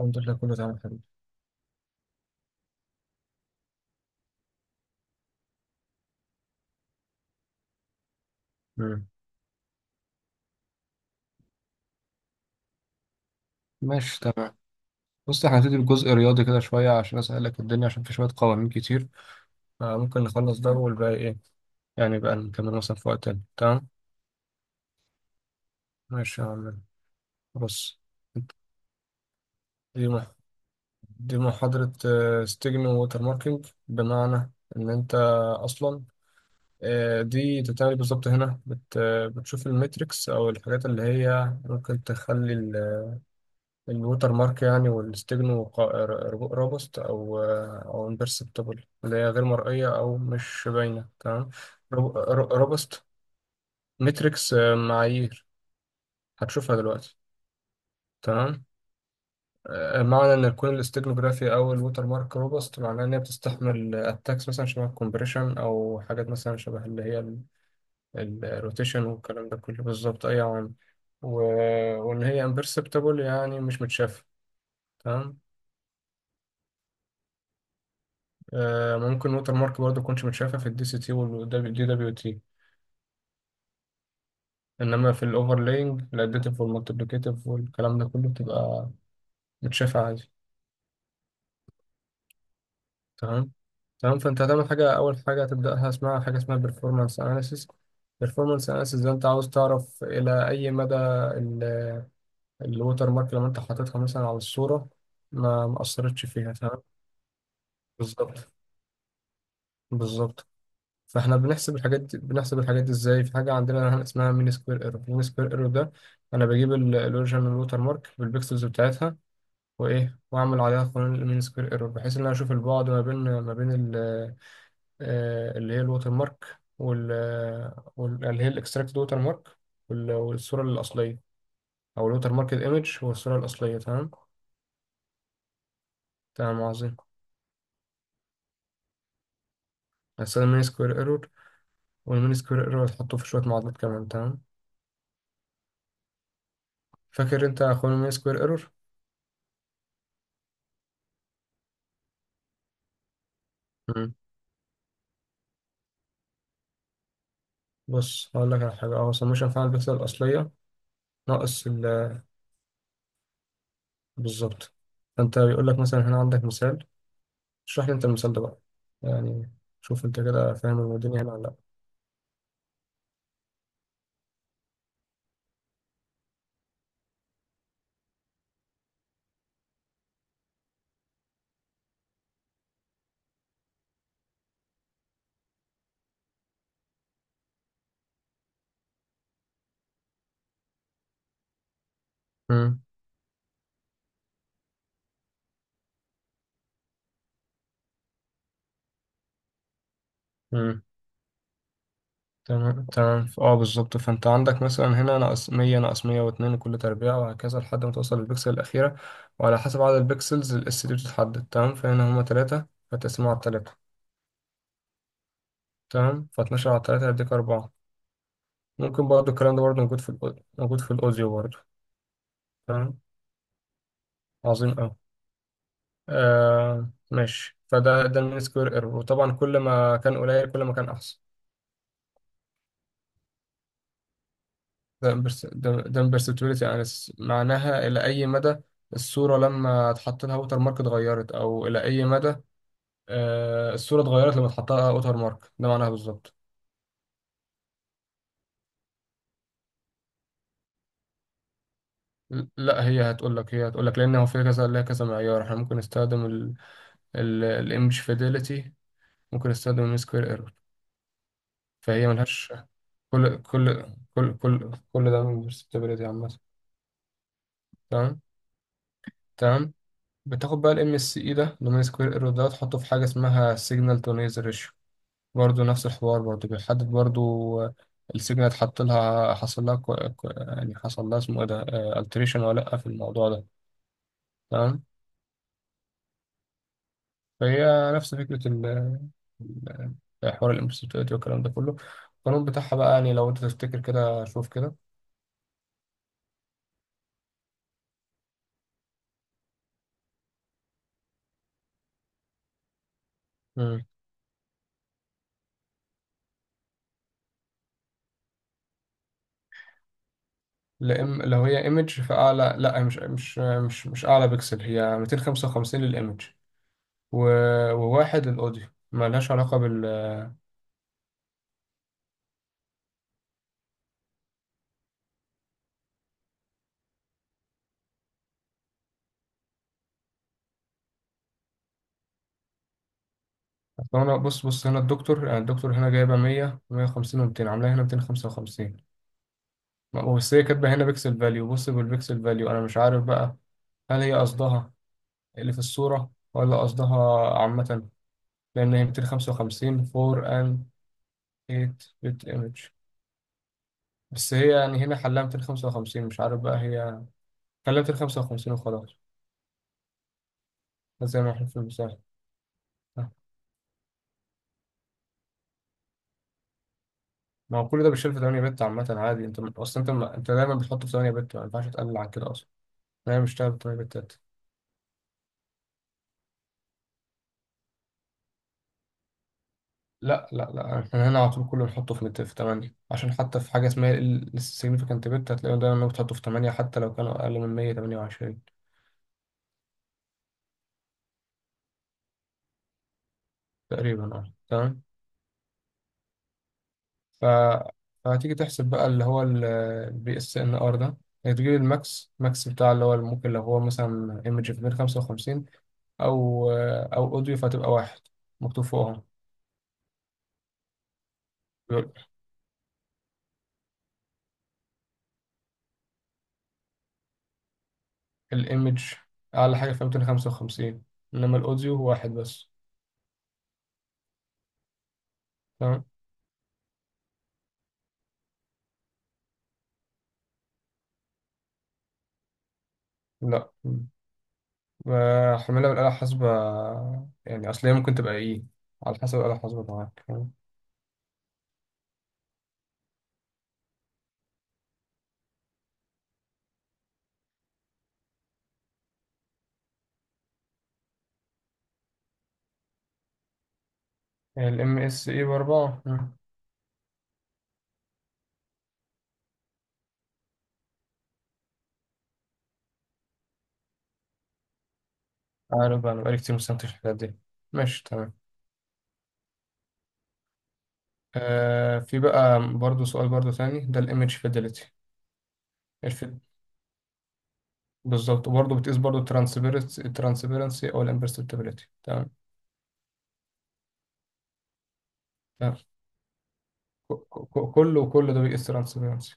الحمد لله، كله تمام يا حبيبي. مم. ماشي، تمام. بص، احنا هنبتدي بجزء رياضي كده شوية عشان أسهلك الدنيا، عشان في شوية قوانين كتير، فممكن نخلص ده والباقي إيه يعني بقى نكمل مثلا في وقت تاني. تمام، ماشي يا عم. بص، دي مح... دي محاضرة ستيجن ووتر ماركينج، بمعنى إن أنت أصلا، دي تتعمل بالظبط هنا. بتشوف الميتريكس أو الحاجات اللي هي ممكن تخلي الوتر مارك يعني، والاستجنو رابست، او امبرسبتبل، اللي هي غير مرئيه او مش باينه. تمام. رابست. متريكس، معايير، هتشوفها دلوقتي. تمام. معنى ان يكون الاستجنوغرافي او الوتر مارك روبست معناه ان هي بتستحمل اتاكس مثلا شبه الكومبريشن، او حاجات مثلا شبه اللي هي الروتيشن والكلام ده كله، بالظبط، اي عوامل. و- وان هي امبرسبتبل يعني مش متشافه. تمام. ممكن ووتر مارك برضه تكونش متشافة في الدي سي تي والدي دبليو تي، انما في الاوفرلاينج الاديتيف والمالتيبليكيتيف والكلام ده كله بتبقى متشافة عادي. تمام، تمام. فانت هتعمل حاجة، اول حاجة هتبدأها اسمها حاجة اسمها performance analysis. performance analysis ده انت عاوز تعرف الى اي مدى ال- الووتر مارك لما انت حاططها مثلا على الصورة ما اثرتش فيها. تمام، بالظبط، بالظبط. فاحنا بنحسب الحاجات دي، ازاي؟ في حاجه عندنا اسمها مين سكوير ايرور. مين سكوير ايرور ده انا بجيب الاوريجينال ووتر مارك بالبيكسلز بتاعتها، وايه، واعمل عليها قانون المين سكوير ايرور، بحيث ان انا اشوف البعد ما بين اللي هي الووتر مارك وال آه، وال- اللي هي الاكستراكت ووتر مارك، وال- والصوره الاصليه، او الووتر مارك الايمج والصوره الاصليه. تمام، تمام، عظيم. هستخدم مين سكوير ايرور، والمين سكوير ايرور هتحطه في شويه معادلات كمان. تمام. فاكر انت قانون المين سكوير ايرور؟ بص، هقول لك على حاجة. اه، سموشن فعلا البكسل الأصلية ناقص ال آه، بالظبط. فأنت بيقول لك مثلا هنا عندك مثال، اشرح لي أنت المثال ده بقى يعني، شوف أنت كده فاهم الدنيا هنا ولا لأ. مم. مم. تمام، تمام. بالظبط، فأنت عندك مثلا هنا ناقص 100 ناقص 102 كل تربيع وهكذا لحد ما توصل للبكسل الأخيرة، وعلى حسب عدد البكسلز الاس دي بتتحدد. تمام، فهنا هما تلاتة فتقسمه على تلاتة. تمام، ف12 على تلاتة هيديك أربعة. ممكن برضه الكلام ده برضه موجود في الأوديو برضه. تمام، عظيم أوي. آه، ماشي، فده ده المين سكوير ايرور، وطبعا كل ما كان قليل كل ما كان احسن. ده امبرسبتوريتي اناليسيس، معناها الى اي مدى الصوره لما اتحط لها ووتر مارك اتغيرت، او الى اي مدى الصوره اتغيرت لما اتحط لها ووتر مارك، ده معناها بالظبط. لا، هي هتقول لك، لان هو في كذا، ليها كذا معيار، احنا ممكن نستخدم الايمج فيديليتي، ممكن نستخدم المين سكوير ايرور، فهي ملهاش. كل كل كل ده من perceptibility عامة. تمام، تمام. بتاخد بقى الام اس اي ده، دومين سكوير ايرور ده، تحطه في حاجه اسمها سيجنال تو نويز ريشيو، برضه نفس الحوار، برضه بيحدد برضه السيجنال اتحط لها، حصل لها يعني حصل لها اسمه ايه ده، التريشن ولا لا في الموضوع ده. تمام. فهي نفس فكره ال- حوار الامبسيتويتي والكلام ده كله. القانون بتاعها بقى، يعني لو انت تفتكر كده، شوف كده. مم. لو هي ايمج فاعلى، لا، مش اعلى بكسل، هي 255 للايمج، و وواحد الأوديو، ملهاش علاقة بال. أصل أنا، بص هنا الدكتور، يعني الدكتور هنا جايبة 100، 150 و200، عاملاها هنا 255. بس هي كاتبة هنا بيكسل فاليو، بص بالبيكسل فاليو، أنا مش عارف بقى، هل هي قصدها اللي في الصورة ولا قصدها عامة؟ لأن هي 255 4 and 8 bit image. بس هي يعني هنا حلها 255، مش عارف بقى، هي حلها 255 وخلاص، زي ما احنا في المثال. ما هو كل ده بيشتغل في 8 بت عامة عادي، انت م- اصلا انت م- انت دايما بتحطه في 8 بت، ما ينفعش تقلل عن كده اصلا. انا مش بشتغل في 8 بتات؟ لا لا لا، احنا هنا على طول كله بنحطه في 8، عشان حتى في حاجة اسمها ال significant بت، هتلاقيهم دايما انهم بتحطه في 8، حتى لو كانوا اقل من 128. تقريبا، اه، تمام. ف فهتيجي تحسب بقى اللي هو البي اس ان ار ده، هتجيب الماكس. ماكس بتاع اللي هو، ممكن لو هو مثلا ايمج في 155، او او اوديو، فهتبقى واحد مكتوب فوقهم. الايمج اعلى حاجه فيها 255، انما الاوديو هو واحد بس. تمام. لا، حملها بالاله الحاسبه، يعني اصل هي ممكن تبقى ايه على حسب الاله الحاسبه معاك. تمام. يعني الام اس اي باربعه. عارف بقى، انا بقالي كتير مستمتعش في الحاجات دي. ماشي، تمام. آه، في بقى برضو سؤال برضو تاني، ده الايمج فيدلتي. الفيد بالظبط، وبرضه بتقيس برضه الترانسبيرنسي، الترانسبيرنسي او الامبرسبتابيلتي. تمام، تمام. كله ده بيقيس ترانسبيرنسي.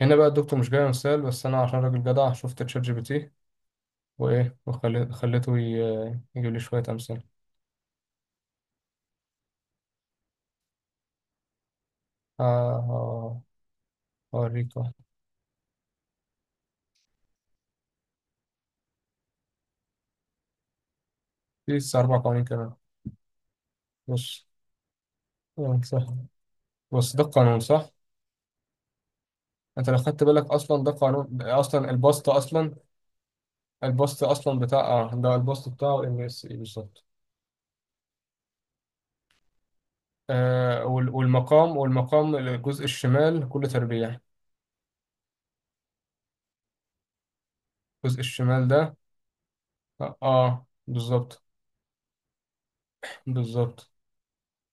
هنا بقى الدكتور مش جاي مثال، بس انا عشان راجل جدع شفت تشات جي بي تي، وايه، وخلي- خليته يجيب لي شويه امثله. ه- ه- هوريك واحد. في لسه اربع قوانين كمان. بص، قانون صح، بص ده القانون صح. انت لو خدت بالك اصلا ده قانون، ده اصلا البسط. اصلا بتاع، اه، ده البسط بتاعه ام اس اي بالظبط. آه وال- والمقام والمقام الجزء الشمال كله تربيع. الجزء الشمال ده، اه، بالظبط، بالظبط.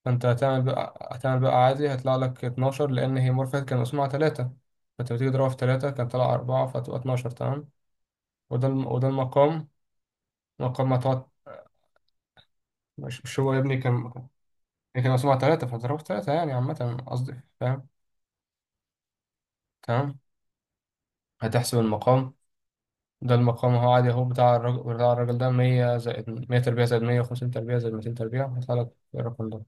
فانت هتعمل بقى، عادي هيطلع لك 12، لان هي مورفيت كان مسموعة 3، فانت بتيجي تضربها في 3 كان طلع 4 فتبقى 12. تمام. وده المقام. مقام ما تقعد، مش هو يا ابني كان، هي كان مسموعة 3 فضربها في 3، يعني عامة قصدي فاهم. تمام، هتحسب المقام. ده المقام اهو، عادي اهو، بتاع الراجل ده 100 زائد 100 تربيع زائد 150 تربيع زائد 200 تربيع، هيطلع لك الرقم ده.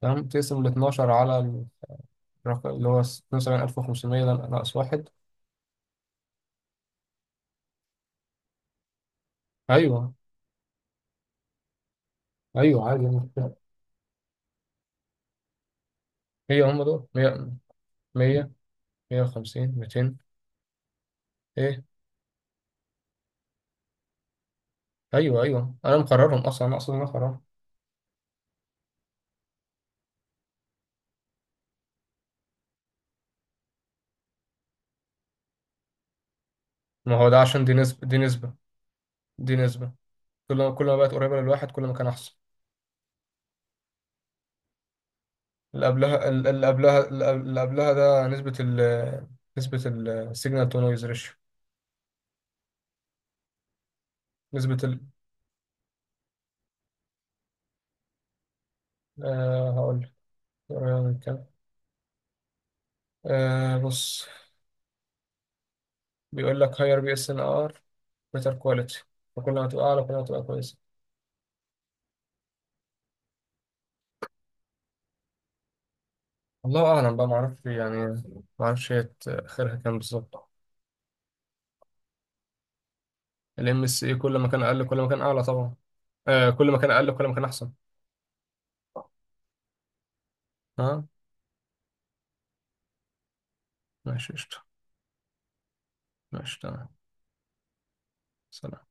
تمام، تقسم ال 12 على الرقم اللي هو 72,500 ده ناقص واحد. ايوه. ايوه عادي يعني. هي هم دول 100، 100، 150، 200. ايه، ايوه، ايوه، انا مقررهم اصلا، انا مقررهم. ما هو ده عشان دي نسبة، دي نسبة، دي نسبة. كل ما، بقت قريبة للواحد كل ما كان احسن. اللي قبلها، اللي قبلها ده نسبة نسبة السيجنال تو نويز ريشيو. نسبة ال آه هقول لك قريبة من كام. آه، بص، بيقول لك هاير بي اس ان ار بيتر كواليتي، فكل ما تبقى اعلى كل ما تبقى كويسة. الله اعلم بقى، ما اعرفش يعني، ما اعرفش هي اخرها كام بالظبط. الام اس اي كل ما كان اقل كل ما كان اعلى طبعا، آه كل ما كان اقل كل ما كان احسن. اه، ماشي، قشطة. ماشي، تمام. سلام.